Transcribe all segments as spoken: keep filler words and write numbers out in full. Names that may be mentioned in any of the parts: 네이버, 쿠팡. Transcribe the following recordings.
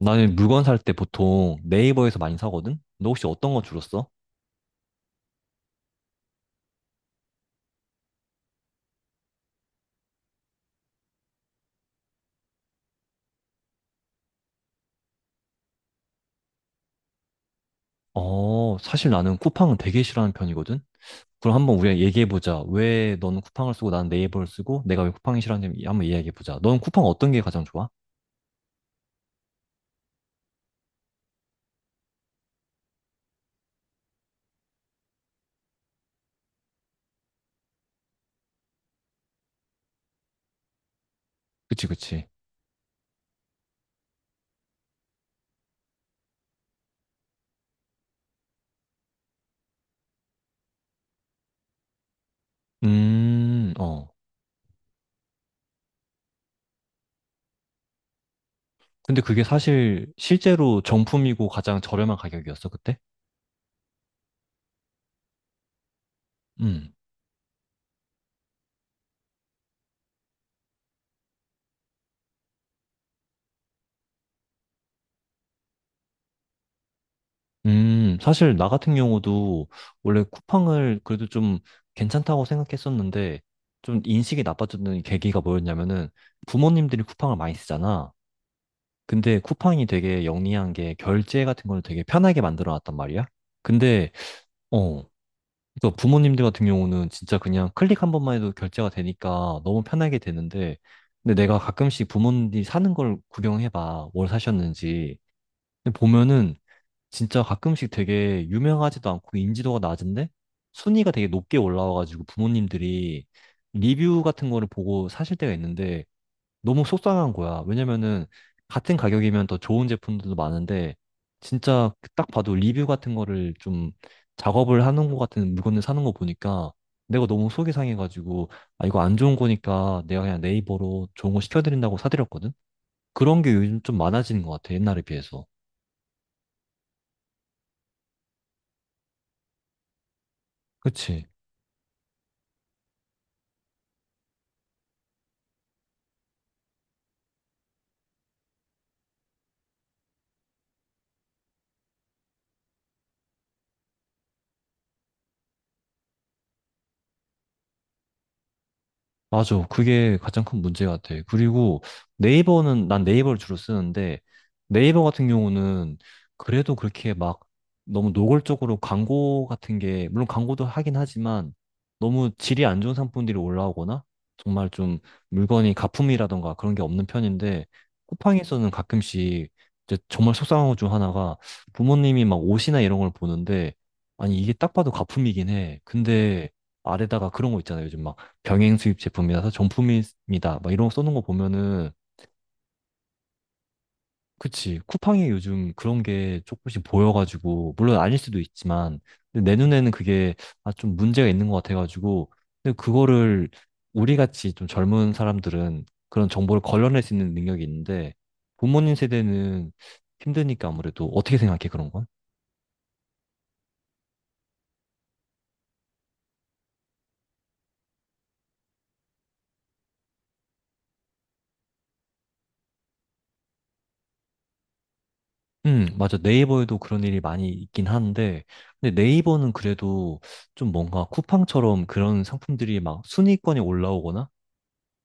나는 물건 살 때 보통 네이버에서 많이 사거든? 너 혹시 어떤 거 주로 써? 어, 사실 나는 쿠팡은 되게 싫어하는 편이거든? 그럼 한번 우리가 얘기해보자. 왜 너는 쿠팡을 쓰고 나는 네이버를 쓰고 내가 왜 쿠팡이 싫어하는지 한번 이야기해보자. 너는 쿠팡 어떤 게 가장 좋아? 그치, 그치. 음, 어. 근데 그게 사실 실제로 정품이고 가장 저렴한 가격이었어, 그때? 음. 음, 사실 나 같은 경우도 원래 쿠팡을 그래도 좀 괜찮다고 생각했었는데 좀 인식이 나빠졌던 계기가 뭐였냐면은 부모님들이 쿠팡을 많이 쓰잖아. 근데 쿠팡이 되게 영리한 게 결제 같은 걸 되게 편하게 만들어 놨단 말이야. 근데 어, 그러니까 부모님들 같은 경우는 진짜 그냥 클릭 한 번만 해도 결제가 되니까 너무 편하게 되는데 근데 내가 가끔씩 부모님들이 사는 걸 구경해 봐. 뭘 사셨는지. 근데 보면은 진짜 가끔씩 되게 유명하지도 않고 인지도가 낮은데 순위가 되게 높게 올라와가지고 부모님들이 리뷰 같은 거를 보고 사실 때가 있는데 너무 속상한 거야. 왜냐면은 같은 가격이면 더 좋은 제품들도 많은데 진짜 딱 봐도 리뷰 같은 거를 좀 작업을 하는 것 같은 물건을 사는 거 보니까 내가 너무 속이 상해가지고 아 이거 안 좋은 거니까 내가 그냥 네이버로 좋은 거 시켜드린다고 사드렸거든. 그런 게 요즘 좀 많아지는 것 같아 옛날에 비해서. 그치? 맞아. 그게 가장 큰 문제 같아. 그리고 네이버는, 난 네이버를 주로 쓰는데, 네이버 같은 경우는 그래도 그렇게 막 너무 노골적으로 광고 같은 게, 물론 광고도 하긴 하지만, 너무 질이 안 좋은 상품들이 올라오거나, 정말 좀 물건이 가품이라던가 그런 게 없는 편인데, 쿠팡에서는 가끔씩 이제 정말 속상한 것 중 하나가 부모님이 막 옷이나 이런 걸 보는데, 아니, 이게 딱 봐도 가품이긴 해. 근데 아래다가 그런 거 있잖아요. 요즘 막. 병행 수입 제품이라서 정품입니다. 막 이런 거 써놓은 거 보면은 그치 쿠팡이 요즘 그런 게 조금씩 보여가지고 물론 아닐 수도 있지만 근데 내 눈에는 그게 아, 좀 문제가 있는 것 같아가지고 근데 그거를 우리 같이 좀 젊은 사람들은 그런 정보를 걸러낼 수 있는 능력이 있는데 부모님 세대는 힘드니까 아무래도 어떻게 생각해 그런 건? 음, 맞아. 네이버에도 그런 일이 많이 있긴 한데, 근데 네이버는 그래도 좀 뭔가 쿠팡처럼 그런 상품들이 막 순위권에 올라오거나,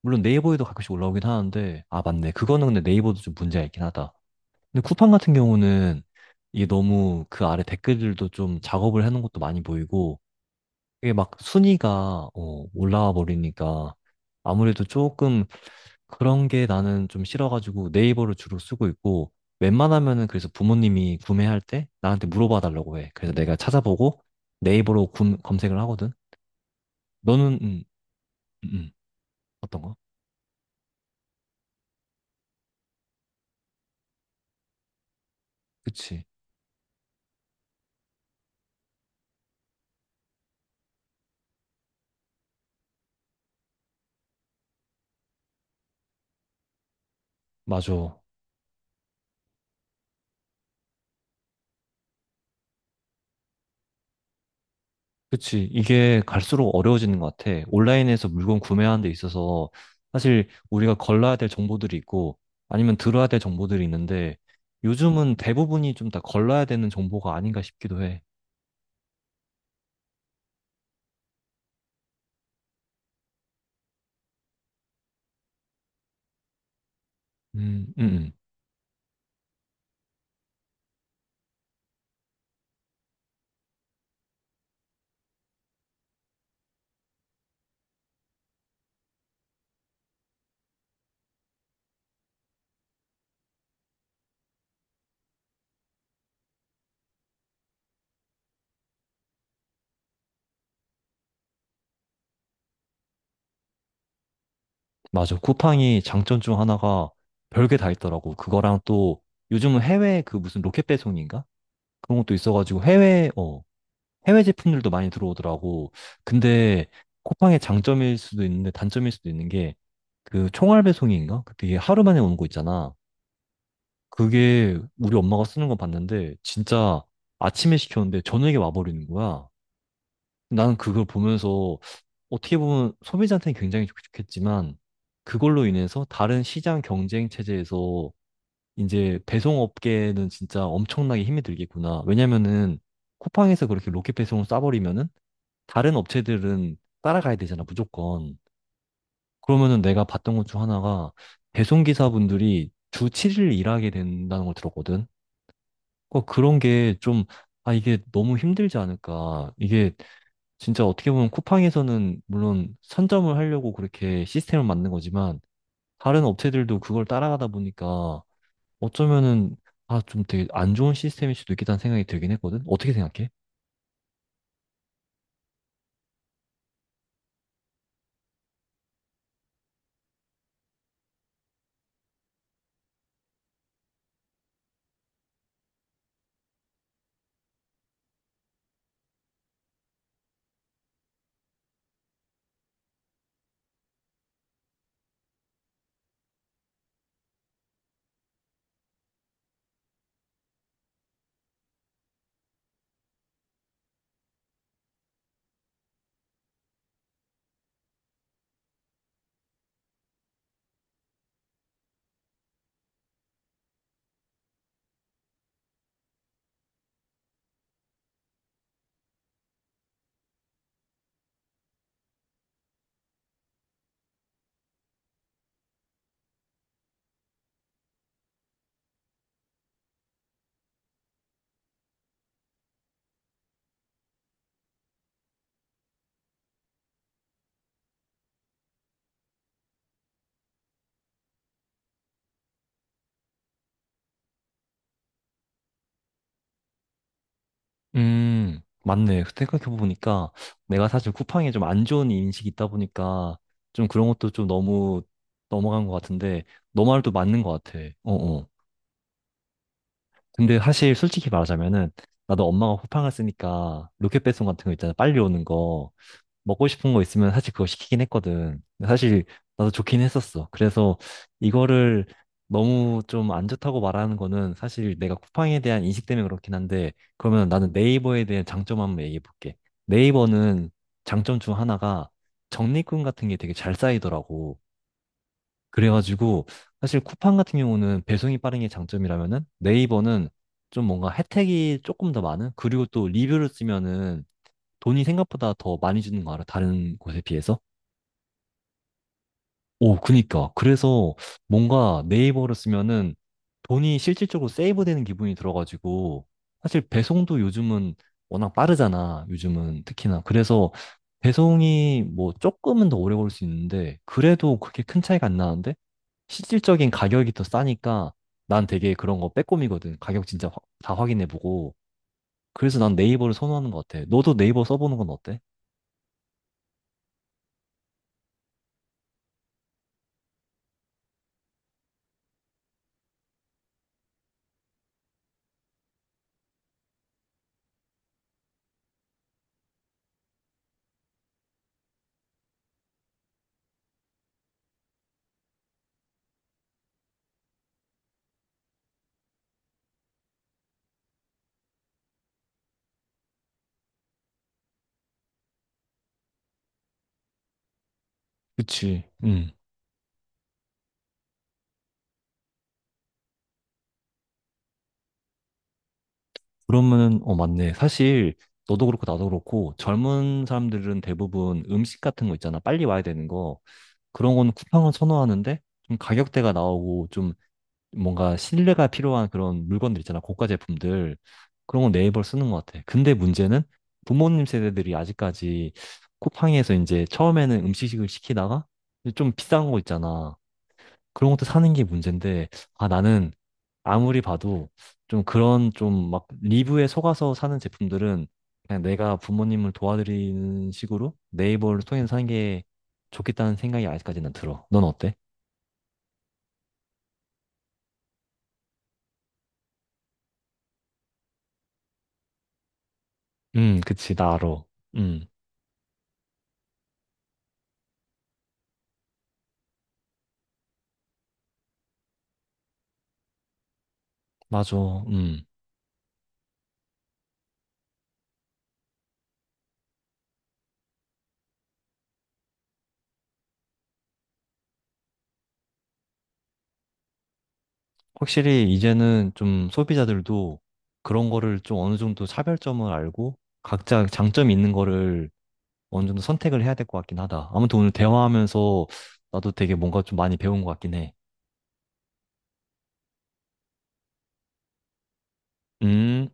물론 네이버에도 가끔씩 올라오긴 하는데, 아, 맞네. 그거는 근데 네이버도 좀 문제가 있긴 하다. 근데 쿠팡 같은 경우는 이게 너무 그 아래 댓글들도 좀 작업을 해놓은 것도 많이 보이고, 이게 막 순위가, 어, 올라와 버리니까, 아무래도 조금 그런 게 나는 좀 싫어가지고 네이버를 주로 쓰고 있고 웬만하면은 그래서 부모님이 구매할 때 나한테 물어봐 달라고 해. 그래서 내가 찾아보고 네이버로 구- 검색을 하거든. 너는 음, 음, 음. 어떤 거? 그치. 맞아. 그치. 이게 갈수록 어려워지는 것 같아. 온라인에서 물건 구매하는 데 있어서 사실 우리가 걸러야 될 정보들이 있고 아니면 들어야 될 정보들이 있는데 요즘은 대부분이 좀 다 걸러야 되는 정보가 아닌가 싶기도 해. 음, 음, 음. 맞아. 쿠팡이 장점 중 하나가 별게 다 있더라고. 그거랑 또 요즘은 해외 그 무슨 로켓 배송인가? 그런 것도 있어가지고 해외, 어, 해외 제품들도 많이 들어오더라고. 근데 쿠팡의 장점일 수도 있는데 단점일 수도 있는 게 그 총알 배송인가? 그게 하루 만에 오는 거 있잖아. 그게 우리 엄마가 쓰는 거 봤는데 진짜 아침에 시켰는데 저녁에 와버리는 거야. 나는 그걸 보면서 어떻게 보면 소비자한테는 굉장히 좋- 좋겠지만 그걸로 인해서 다른 시장 경쟁 체제에서 이제 배송업계는 진짜 엄청나게 힘이 들겠구나. 왜냐면은 쿠팡에서 그렇게 로켓 배송을 싸버리면은 다른 업체들은 따라가야 되잖아, 무조건. 그러면은 내가 봤던 것 중 하나가 배송기사분들이 주 칠 일 일하게 된다는 걸 들었거든. 어, 그런 게 좀, 아, 이게 너무 힘들지 않을까. 이게 진짜 어떻게 보면 쿠팡에서는 물론 선점을 하려고 그렇게 시스템을 만든 거지만 다른 업체들도 그걸 따라가다 보니까 어쩌면은 아, 좀 되게 안 좋은 시스템일 수도 있겠다는 생각이 들긴 했거든. 어떻게 생각해? 음, 맞네. 생각해보니까 내가 사실 쿠팡에 좀 안 좋은 인식이 있다 보니까 좀 그런 것도 좀 너무 넘어간 것 같은데 너 말도 맞는 것 같아. 어어. 근데 사실 솔직히 말하자면은 나도 엄마가 쿠팡을 쓰니까 로켓 배송 같은 거 있잖아. 빨리 오는 거. 먹고 싶은 거 있으면 사실 그거 시키긴 했거든. 근데 사실 나도 좋긴 했었어. 그래서 이거를 너무 좀 안 좋다고 말하는 거는 사실 내가 쿠팡에 대한 인식 때문에 그렇긴 한데 그러면 나는 네이버에 대한 장점 한번 얘기해 볼게. 네이버는 장점 중 하나가 적립금 같은 게 되게 잘 쌓이더라고. 그래가지고 사실 쿠팡 같은 경우는 배송이 빠른 게 장점이라면은 네이버는 좀 뭔가 혜택이 조금 더 많은? 그리고 또 리뷰를 쓰면은 돈이 생각보다 더 많이 주는 거 알아? 다른 곳에 비해서? 오, 그니까. 그래서 뭔가 네이버를 쓰면은 돈이 실질적으로 세이브되는 기분이 들어가지고 사실 배송도 요즘은 워낙 빠르잖아. 요즘은 특히나. 그래서 배송이 뭐 조금은 더 오래 걸 수 있는데 그래도 그렇게 큰 차이가 안 나는데 실질적인 가격이 더 싸니까 난 되게 그런 거 빼꼼이거든. 가격 진짜 확- 다 확인해보고. 그래서 난 네이버를 선호하는 것 같아. 너도 네이버 써보는 건 어때? 그치. 그러면은, 어, 맞네. 사실, 너도 그렇고, 나도 그렇고, 젊은 사람들은 대부분 음식 같은 거 있잖아. 빨리 와야 되는 거. 그런 거는 쿠팡을 선호하는데, 좀 가격대가 나오고, 좀 뭔가 신뢰가 필요한 그런 물건들 있잖아. 고가 제품들. 그런 건 네이버를 쓰는 것 같아. 근데 문제는 부모님 세대들이 아직까지 쿠팡에서 이제 처음에는 음식을 시키다가, 좀 비싼 거 있잖아. 그런 것도 사는 게 문제인데, 아, 나는 아무리 봐도 좀 그런 좀 막 리뷰에 속아서 사는 제품들은 그냥 내가 부모님을 도와드리는 식으로 네이버를 통해서 사는 게 좋겠다는 생각이 아직까지는 들어. 넌 어때? 음, 그치, 나 알아. 음, 맞아. 음. 확실히 이제는 좀 소비자들도 그런 거를 좀 어느 정도 차별점을 알고 각자 장점이 있는 거를 어느 정도 선택을 해야 될 것 같긴 하다. 아무튼 오늘 대화하면서 나도 되게 뭔가 좀 많이 배운 것 같긴 해. 음.